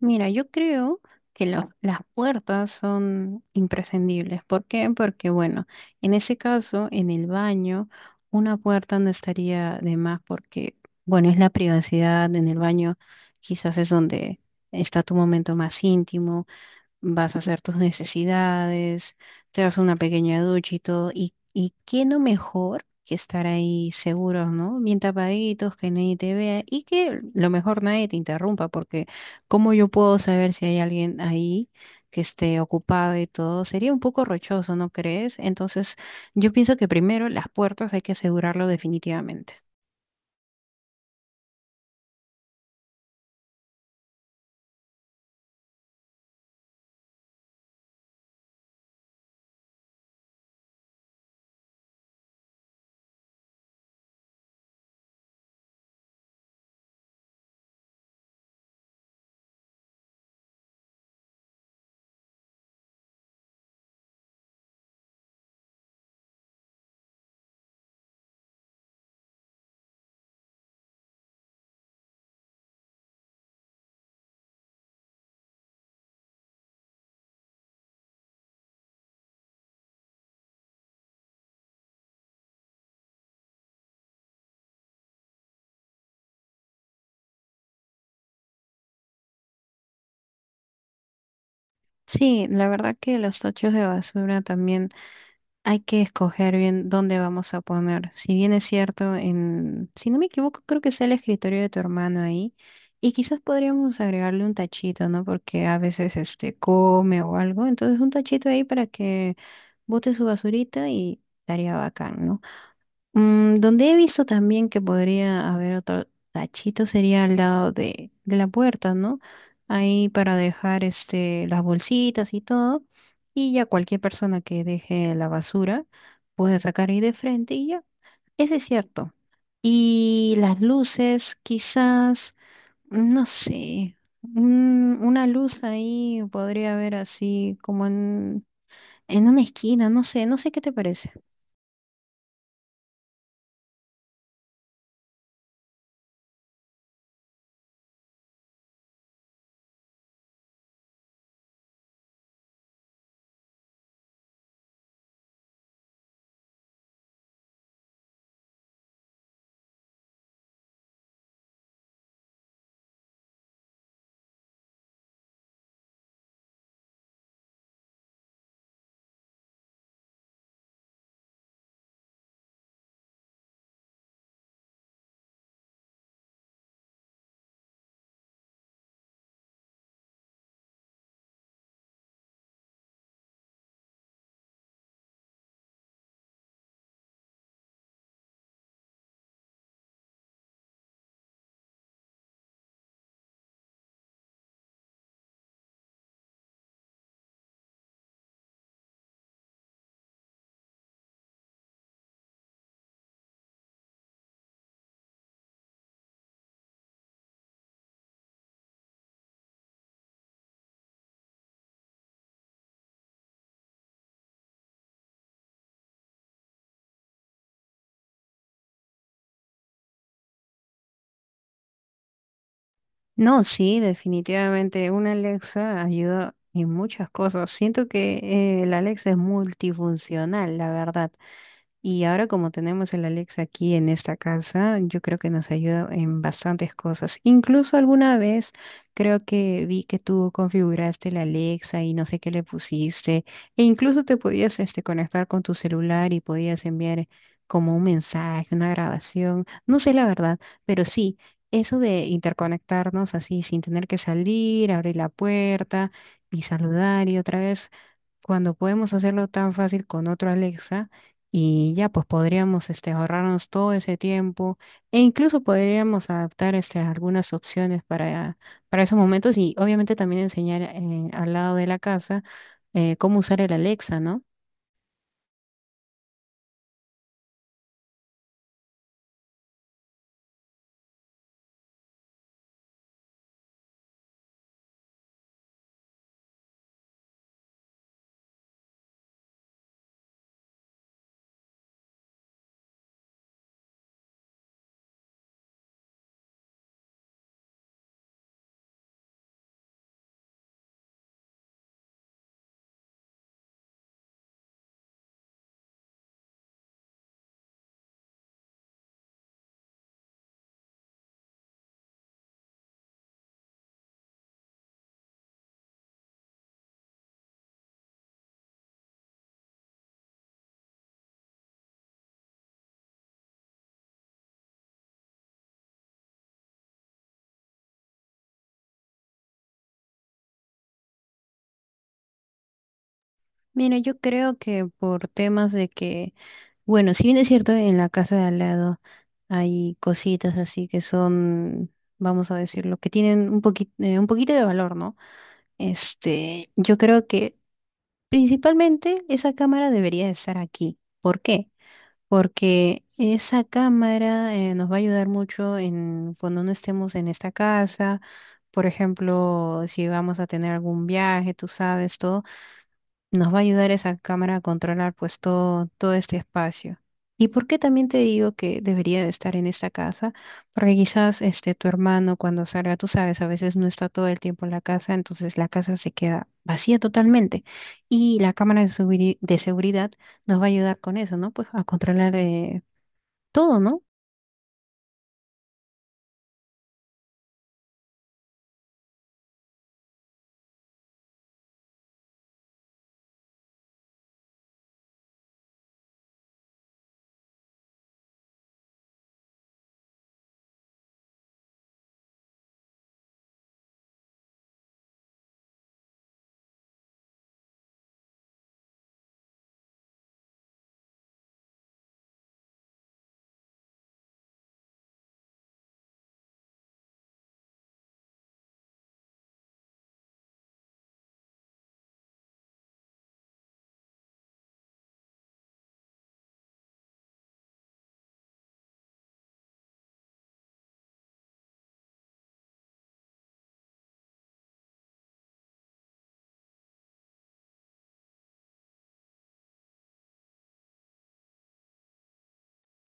Mira, yo creo que las puertas son imprescindibles. ¿Por qué? Porque, bueno, en ese caso, en el baño, una puerta no estaría de más porque, bueno, es la privacidad. En el baño quizás es donde está tu momento más íntimo, vas a hacer tus necesidades, te das una pequeña ducha y todo. Y qué no mejor que estar ahí seguros, ¿no? Bien tapaditos, que nadie te vea y que lo mejor nadie te interrumpa, porque ¿cómo yo puedo saber si hay alguien ahí que esté ocupado y todo? Sería un poco rochoso, ¿no crees? Entonces, yo pienso que primero las puertas hay que asegurarlo definitivamente. Sí, la verdad que los tochos de basura también. Hay que escoger bien dónde vamos a poner. Si bien es cierto, en, si no me equivoco, creo que es el escritorio de tu hermano ahí. Y quizás podríamos agregarle un tachito, ¿no? Porque a veces este come o algo. Entonces un tachito ahí para que bote su basurita y estaría bacán, ¿no? Mm, donde he visto también que podría haber otro tachito sería al lado de la puerta, ¿no? Ahí para dejar este, las bolsitas y todo. Y ya cualquier persona que deje la basura puede sacar ahí de frente y ya. Eso es cierto. Y las luces, quizás, no sé, una luz ahí podría haber así como en una esquina, no sé, no sé qué te parece. No, sí, definitivamente una Alexa ayuda en muchas cosas. Siento que la Alexa es multifuncional, la verdad. Y ahora como tenemos el Alexa aquí en esta casa, yo creo que nos ayuda en bastantes cosas. Incluso alguna vez creo que vi que tú configuraste el Alexa y no sé qué le pusiste. E incluso te podías este, conectar con tu celular y podías enviar como un mensaje, una grabación. No sé la verdad, pero sí, eso de interconectarnos así sin tener que salir, abrir la puerta y saludar y otra vez cuando podemos hacerlo tan fácil con otro Alexa y ya pues podríamos este, ahorrarnos todo ese tiempo e incluso podríamos adaptar este, algunas opciones para esos momentos y obviamente también enseñar al lado de la casa, cómo usar el Alexa, ¿no? Mira, yo creo que por temas de que, bueno, si bien es cierto, en la casa de al lado hay cositas así que son, vamos a decirlo, que tienen un poquito de valor, ¿no? Este, yo creo que principalmente esa cámara debería estar aquí. ¿Por qué? Porque esa cámara, nos va a ayudar mucho en cuando no estemos en esta casa. Por ejemplo, si vamos a tener algún viaje, tú sabes, todo nos va a ayudar esa cámara a controlar pues todo, todo este espacio. ¿Y por qué también te digo que debería de estar en esta casa? Porque quizás este tu hermano cuando salga, tú sabes, a veces no está todo el tiempo en la casa, entonces la casa se queda vacía totalmente. Y la cámara de, de seguridad nos va a ayudar con eso, ¿no? Pues a controlar, todo, ¿no?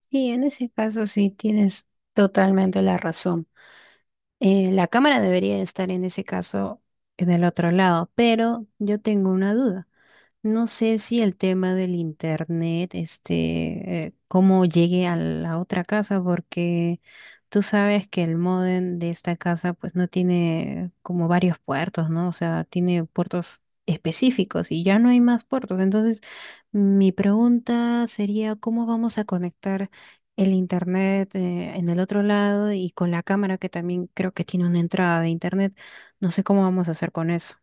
Y en ese caso sí tienes totalmente la razón. La cámara debería de estar en ese caso en el otro lado, pero yo tengo una duda. No sé si el tema del internet, este, cómo llegue a la otra casa, porque tú sabes que el módem de esta casa, pues no tiene como varios puertos, ¿no? O sea, tiene puertos específicos y ya no hay más puertos. Entonces, mi pregunta sería, ¿cómo vamos a conectar el internet, en el otro lado y con la cámara que también creo que tiene una entrada de internet? No sé cómo vamos a hacer con eso.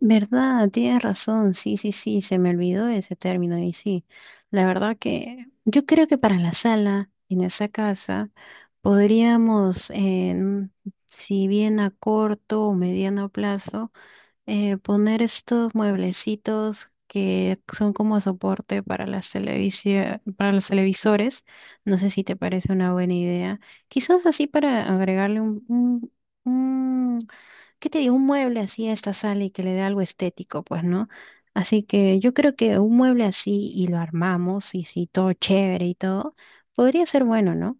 Verdad, tienes razón, sí, sí, sí, se me olvidó ese término y sí, la verdad que yo creo que para la sala en esa casa podríamos, en, si bien a corto o mediano plazo, poner estos mueblecitos que son como soporte para las para los televisores, no sé si te parece una buena idea, quizás así para agregarle un, ¿qué te digo? Un mueble así a esta sala y que le dé algo estético, pues, ¿no? Así que yo creo que un mueble así y lo armamos y sí, todo chévere y todo, podría ser bueno, ¿no?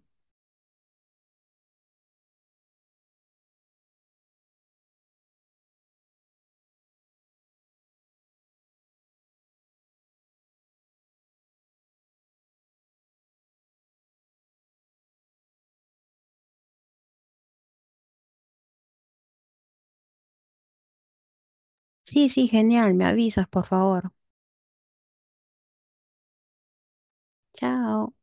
Sí, sí, genial, me avisas, por favor. Chao.